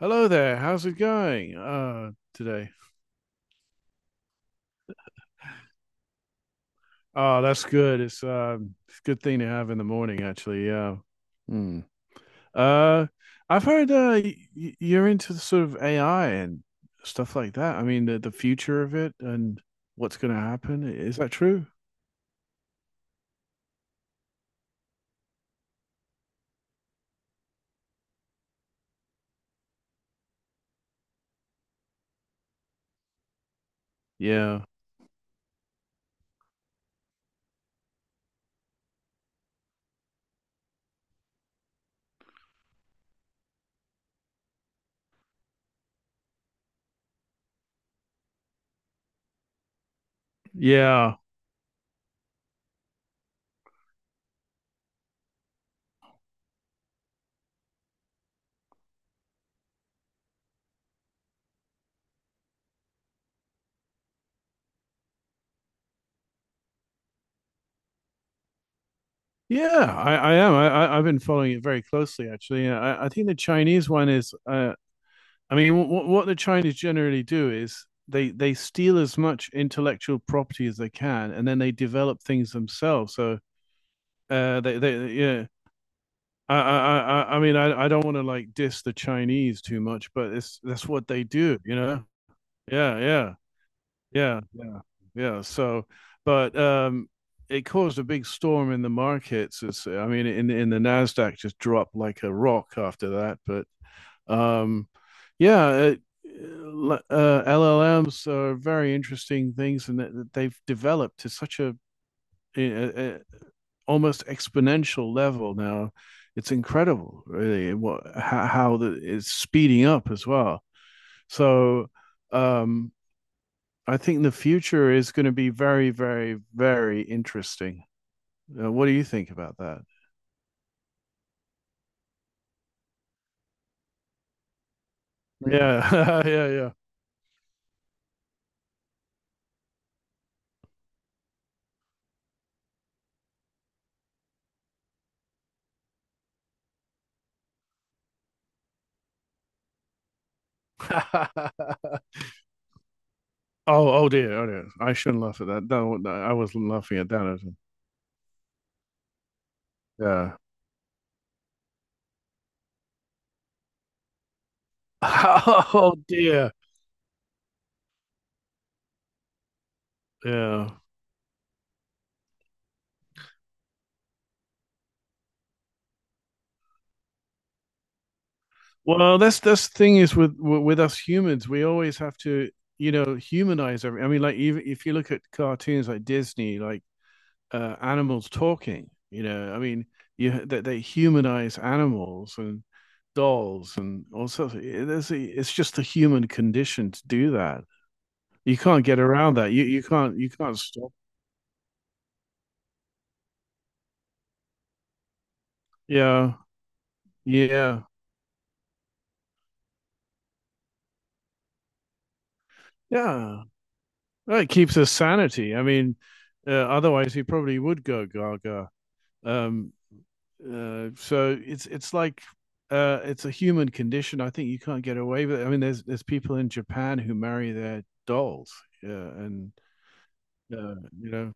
Hello there. How's it going today? Oh, that's good. It's a good thing to have in the morning, actually. Yeah. Hmm. Uh, I've heard you're into the sort of AI and stuff like that. I mean, the future of it and what's going to happen. Is that true? Yeah. Yeah. Yeah, I am. I've been following it very closely, actually. I think the Chinese one is I mean, what the Chinese generally do is they steal as much intellectual property as they can, and then they develop things themselves. So they yeah. I I I don't want to like diss the Chinese too much, but it's that's what they do, you know. Yeah, yeah, yeah, yeah, yeah. So, but it caused a big storm in the markets. It's, I mean, in the Nasdaq just dropped like a rock after that, but. Um, yeah, uh, LLMs are very interesting things, and that they've developed to such a almost exponential level now. It's incredible, really, what how the, it's speeding up as well. So, um, I think the future is going to be very, very, very interesting. What do you think about that? Yeah, yeah, yeah. Oh, oh dear, oh dear. I shouldn't laugh at that. No, no, I wasn't laughing at that. Yeah. Oh dear. Yeah. Well, that's the thing is with us humans, we always have to, humanize every. I mean, like even if you look at cartoons like Disney, like animals talking, you know, I mean, you they humanize animals and dolls and all sorts. Of, it's just the human condition to do that. You can't get around that. You can't stop. Yeah. Yeah. Yeah. Well, it keeps us sanity. I mean, otherwise he probably would go gaga. Um, so it's like it's a human condition. I think you can't get away with it. I mean, there's people in Japan who marry their dolls. Yeah, and you know,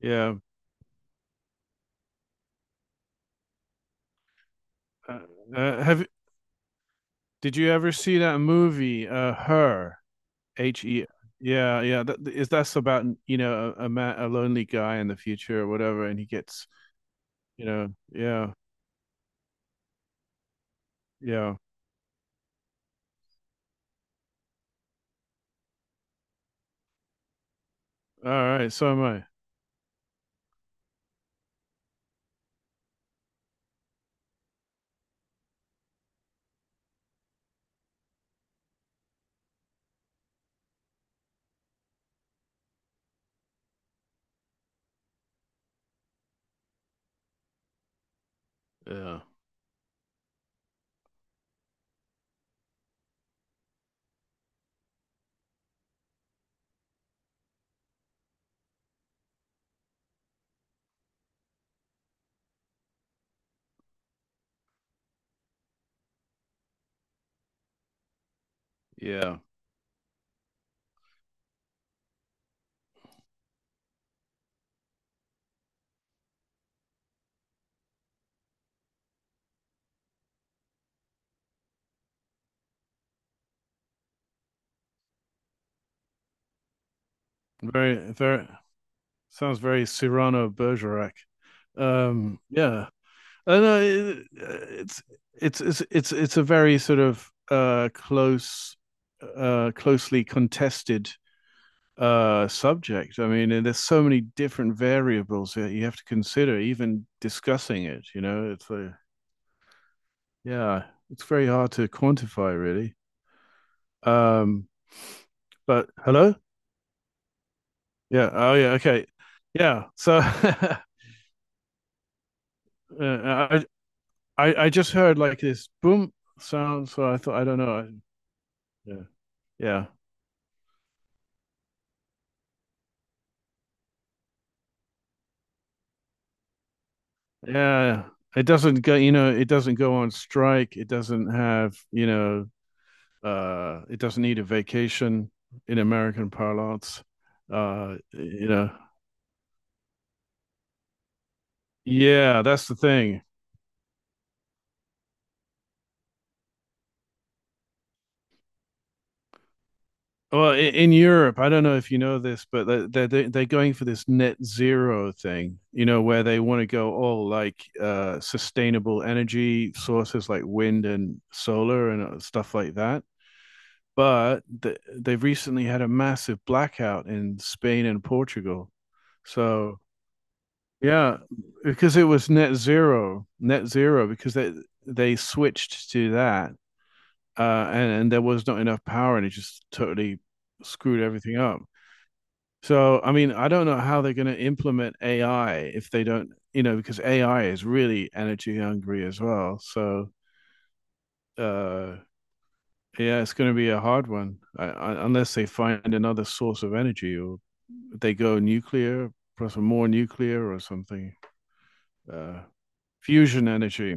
yeah. Uh, have did you ever see that movie? Her. H E. Yeah, yeah. That, is that's about you know a man, a lonely guy in the future or whatever, and he gets you know, yeah. Yeah. All right. So am I. Yeah. Yeah. Very, very, sounds very Cyrano Bergerac. Yeah. And it, it's a very sort of, close, closely contested, subject. I mean, and there's so many different variables that you have to consider, even discussing it, you know, it's a, yeah, it's very hard to quantify really. Um, but hello? Yeah. Oh, yeah. Okay. Yeah. So I, I just heard like this boom sound, so I thought I don't know. I, yeah. Yeah. Yeah. It doesn't go. You know, it doesn't go on strike. It doesn't have. You know, it doesn't need a vacation in American parlance. You know. Yeah, that's the thing. Well, in Europe, I don't know if you know this, but are they're going for this net zero thing, you know, where they want to go all like sustainable energy sources like wind and solar and stuff like that. But th they've recently had a massive blackout in Spain and Portugal. So yeah, because it was net zero, because they switched to that, and there was not enough power, and it just totally screwed everything up. So, I mean, I don't know how they're going to implement AI if they don't, you know, because AI is really energy hungry as well. So, uh, yeah, it's going to be a hard one I, unless they find another source of energy or they go nuclear, plus more nuclear or something, uh, fusion energy.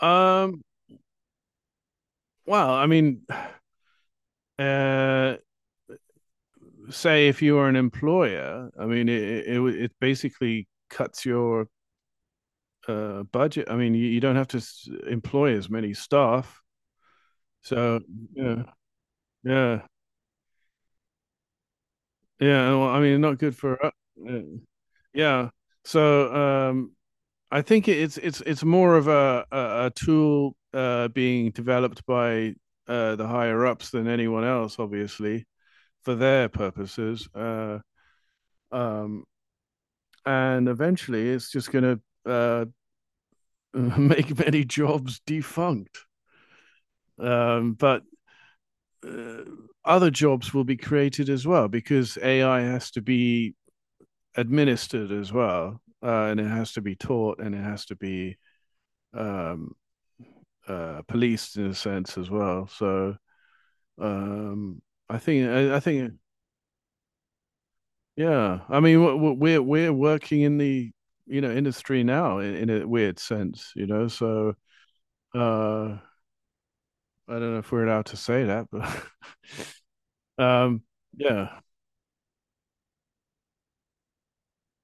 Um, well, I mean, uh, say if you are an employer, I mean, it basically cuts your budget. I mean, you don't have to employ as many staff. So yeah, yeah, yeah. Well, I mean, not good for. u- yeah. Yeah. So I think it's more of a a tool being developed by the higher ups than anyone else, obviously, for their purposes. Um, and eventually, it's just going to make many jobs defunct. But uh, other jobs will be created as well because AI has to be administered as well, and it has to be taught and it has to be um, policed in a sense as well. So um, I think yeah, I mean we're working in the you know industry now in a weird sense, you know. So uh, I don't know if we're allowed to say that, but um, yeah.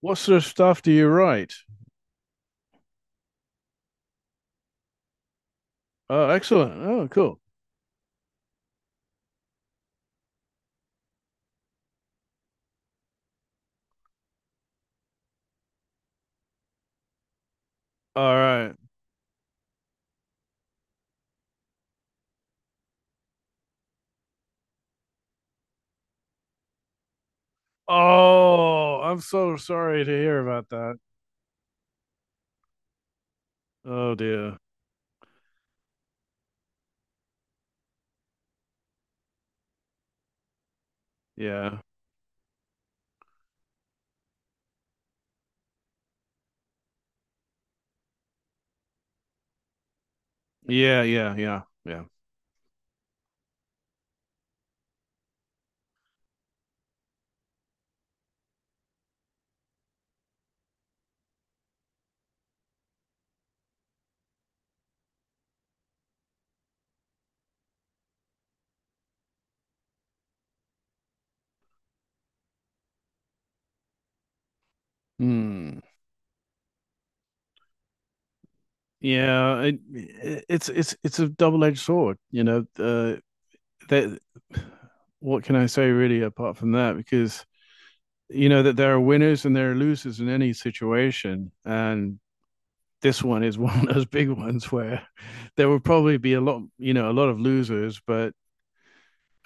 What sort of stuff do you write? Oh, excellent. Oh, cool. All right. Oh, I'm so sorry to hear about that. Oh dear. Yeah. Yeah. Yeah. Yeah. Yeah. Hmm. Yeah. It, it's a double-edged sword. You know. That. What can I say really apart from that? Because you know that there are winners and there are losers in any situation, and this one is one of those big ones where there will probably be a lot. You know, a lot of losers, but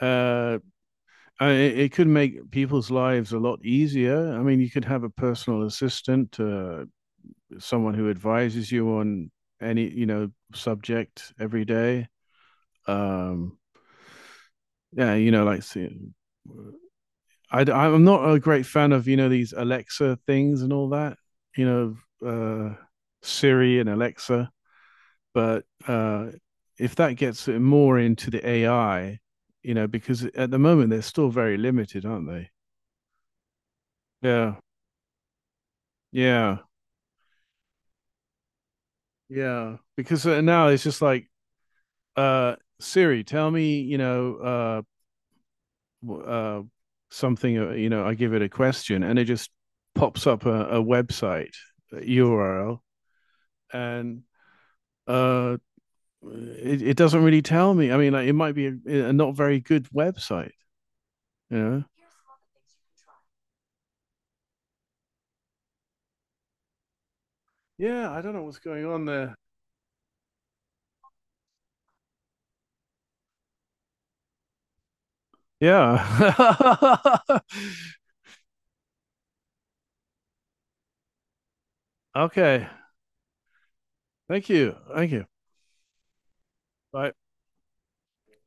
uh. It, it could make people's lives a lot easier. I mean, you could have a personal assistant, someone who advises you on any you know subject every day. Um, yeah, you know, like I'm not a great fan of you know these Alexa things and all that. You know, Siri and Alexa, but if that gets more into the AI, you know, because at the moment they're still very limited, aren't they? Yeah, yeah. Yeah, because now it's just like Siri, tell me, you know, uh something, you know, I give it a question and it just pops up a website, a URL, and uh it, it doesn't really tell me. I mean, like, it might be a not very good website, you know. Yeah, I don't know what's going on there. Yeah. Okay. Thank you. Thank you. Bye.